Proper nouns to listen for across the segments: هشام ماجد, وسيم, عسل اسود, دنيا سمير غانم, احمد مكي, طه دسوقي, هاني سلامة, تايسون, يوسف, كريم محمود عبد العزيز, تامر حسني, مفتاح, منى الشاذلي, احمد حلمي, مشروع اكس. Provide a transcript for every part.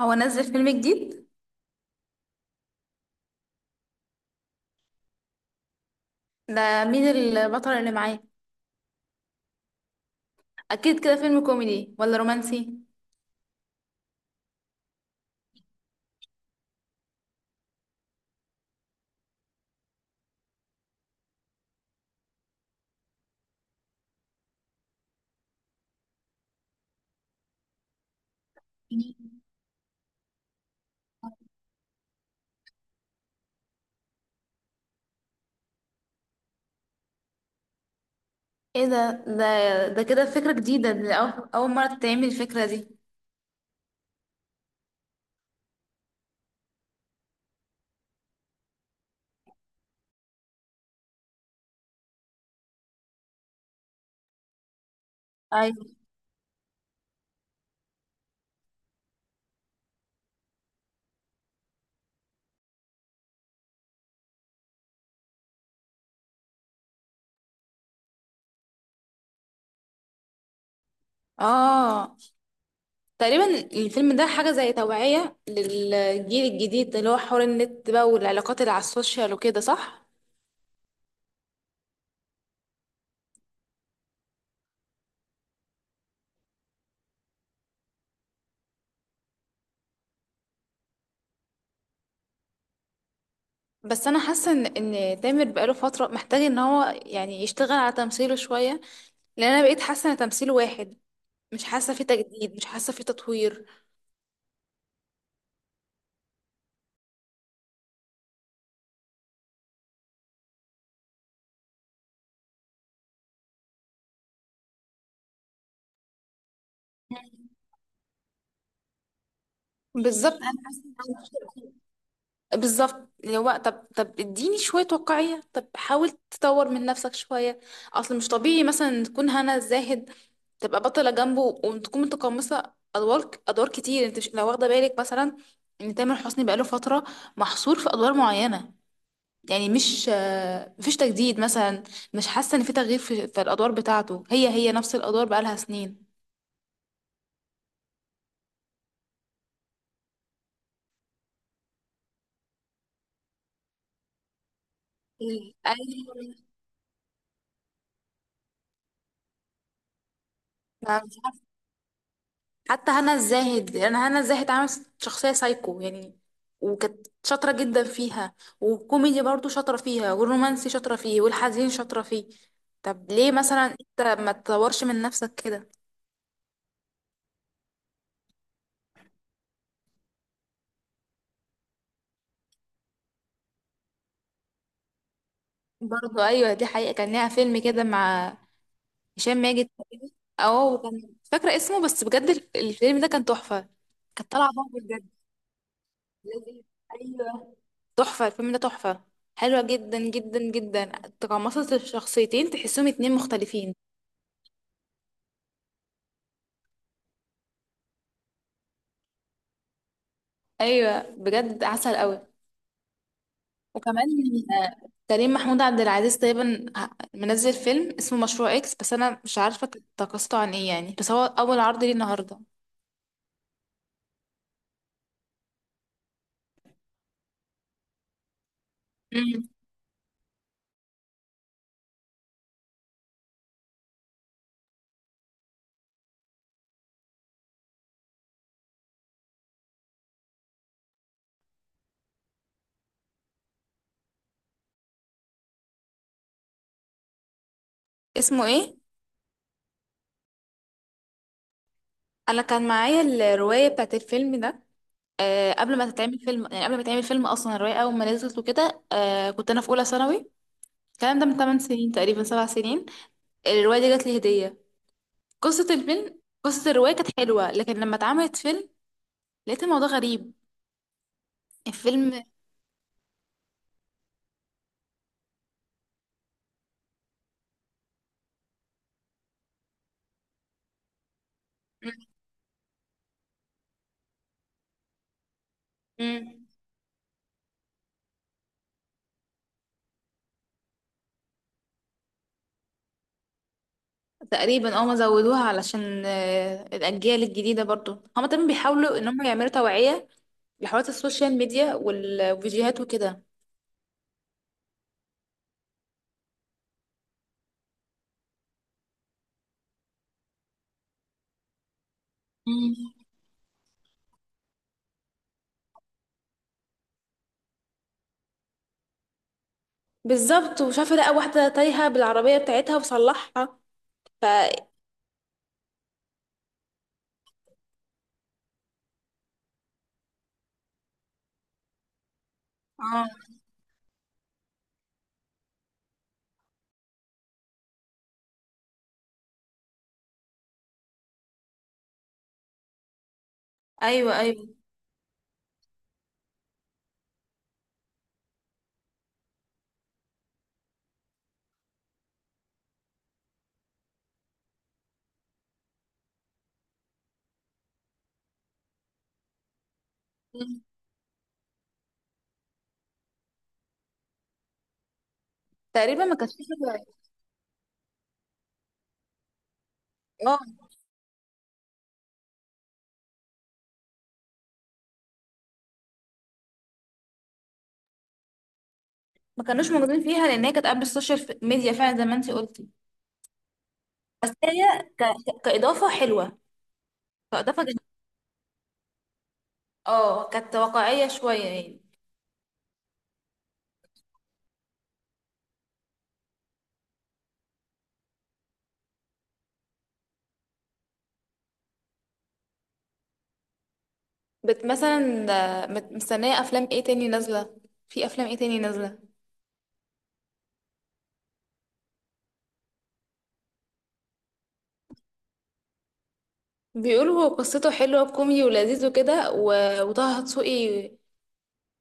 هو نزل فيلم جديد؟ ده مين البطل اللي معاه؟ اكيد كده فيلم كوميدي ولا رومانسي؟ ايه ده كده فكرة جديدة، ده اول مرة تتعمل الفكرة دي؟ ايوه. اه، تقريبا الفيلم ده حاجة زي توعية للجيل الجديد، اللي هو حوار النت بقى والعلاقات اللي على السوشيال وكده، صح؟ بس انا حاسة ان تامر بقاله فترة محتاج ان هو يعني يشتغل على تمثيله شوية. لان انا بقيت حاسة ان تمثيله واحد، مش حاسة في تجديد، مش حاسة في تطوير. بالظبط انا حاسة- بالظبط، اللي هو طب اديني شويه واقعيه، طب حاول تطور من نفسك شويه. اصل مش طبيعي مثلا تكون هنا الزاهد تبقى بطله جنبه وتكون متقمصه ادوار كتير. انت مش لو واخده بالك، مثلا، ان تامر حسني بقاله فتره محصور في ادوار معينه؟ يعني مش مفيش تجديد مثلا، مش حاسه ان في تغيير في الادوار بتاعته. هي نفس الادوار بقالها سنين. ايوه، حتى هنا الزاهد، انا هنا الزاهد عملت شخصيه سايكو يعني، وكانت شاطره جدا فيها، والكوميدي برضو شاطره فيها، والرومانسي شاطره فيه، والحزين شاطره فيه. طب ليه مثلا انت ما تطورش من نفسك كده؟ برضو، ايوه، دي حقيقه. كان ليها فيلم كده مع هشام ماجد تقريبا. اه، وكان مش فاكره اسمه، بس بجد الفيلم ده كان تحفه. كانت طالعه بقى بجد. لازم- ايوه، تحفه الفيلم ده، تحفه، حلوه جدا جدا جدا. تقمصت الشخصيتين، تحسهم اتنين مختلفين. ايوه، بجد عسل قوي. وكمان كريم محمود عبد العزيز تقريبا منزل فيلم اسمه مشروع اكس، بس انا مش عارفه قصته عن ايه يعني، بس هو اول عرض ليه النهارده. امم، اسمه ايه؟ انا كان معايا الروايه بتاعت الفيلم ده، آه، قبل ما تتعمل فيلم، يعني قبل ما تعمل فيلم اصلا الروايه اول ما نزلت وكده، آه، كنت انا في اولى ثانوي. الكلام ده من 8 سنين تقريبا، 7 سنين. الروايه دي جات لي هديه. قصه الفيلم، قصه الروايه كانت حلوه، لكن لما اتعملت فيلم لقيت الموضوع غريب. الفيلم. مم. تقريبا اه، ما زودوها علشان الاجيال الجديده، برضو هما تمام بيحاولوا ان هم يعملوا توعيه لحوارات السوشيال ميديا والفيديوهات وكده. مم. بالظبط، وشافت لقى واحده تايهه بالعربيه بتاعتها وصلحها. ف اه، ايوه ايوه. مم. تقريبا ما كانش فيها. اه، ما كانوش موجودين فيها، لان هي كانت قبل السوشيال ميديا فعلا، زي ما انت قلتي. بس هي كاضافه حلوه، كاضافه جميلة. اه، كانت واقعيه شويه يعني. بت مثلا، مستنية أفلام ايه تاني نازلة؟ في أفلام ايه تاني نازلة؟ بيقولوا هو قصته حلوة وكوميدي ولذيذ وكده، وطه دسوقي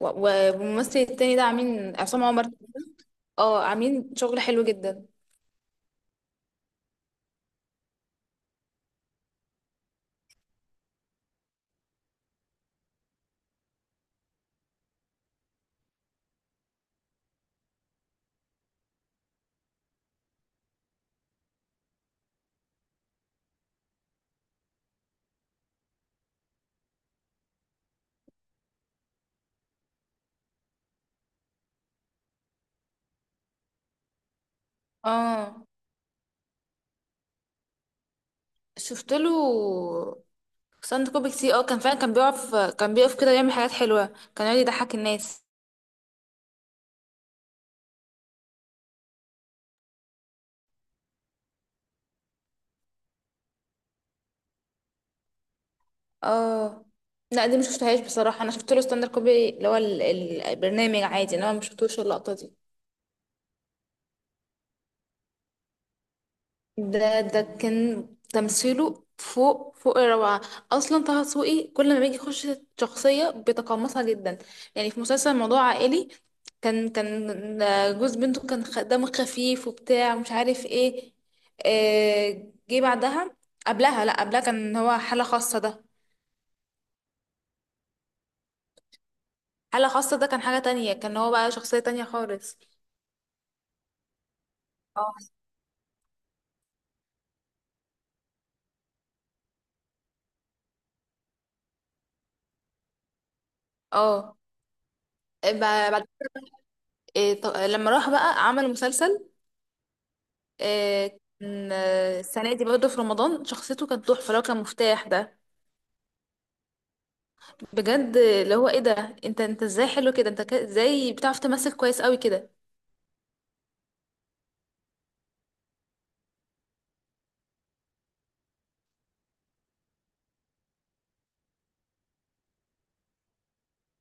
والممثل التاني ده، عاملين عصام عمر. اه، عاملين شغل حلو جدا. اه، شفت له ساند كوبي كتير. اه، كان فعلا كان بيقف كده يعمل حاجات حلوة، كان يقعد يضحك الناس. اه لا، دي ما شفتهاش بصراحة. انا شفت له ستاند كوبي اللي هو البرنامج عادي، انا ما شفتوش اللقطة دي. ده كان تمثيله فوق الروعة. أصلا طه دسوقي كل ما بيجي يخش شخصية بيتقمصها جدا. يعني في مسلسل موضوع عائلي، كان جوز بنته، كان دمه خفيف وبتاع ومش عارف ايه. آه، جه بعدها، قبلها، لا قبلها كان هو حالة خاصة ده. حالة خاصة ده كان حاجة تانية، كان هو بقى شخصية تانية خالص. اه اه، ب- بعد لما راح بقى عمل مسلسل، آه، كان آه، السنة دي برضه في رمضان شخصيته كانت تحفة لو كان مفتاح ده. بجد، اللي هو ايه ده، انت ازاي حلو كده، انت ازاي بتعرف تمثل كويس قوي كده؟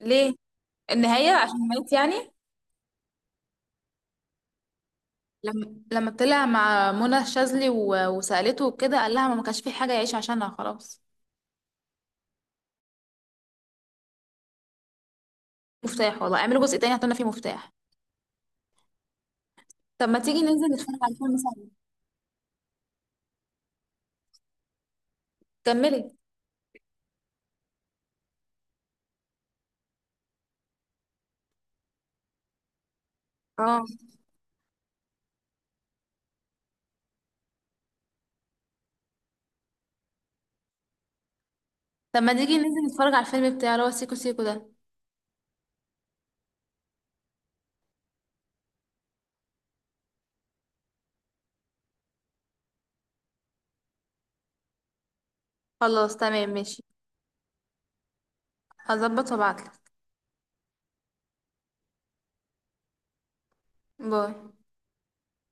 ليه، النهاية عشان مات يعني؟ لما طلع مع منى الشاذلي وسألته وكده قال لها ما كانش في حاجة يعيش عشانها خلاص. مفتاح، والله اعملوا جزء تاني هتقولنا فيه مفتاح. طب ما تيجي ننزل نتفرج على الفيلم سوا؟ كملي. اه، طب ما تيجي ننزل نتفرج على الفيلم بتاع اللي هو سيكو سيكو ده؟ خلاص تمام، ماشي. هظبط وابعتلك. باي.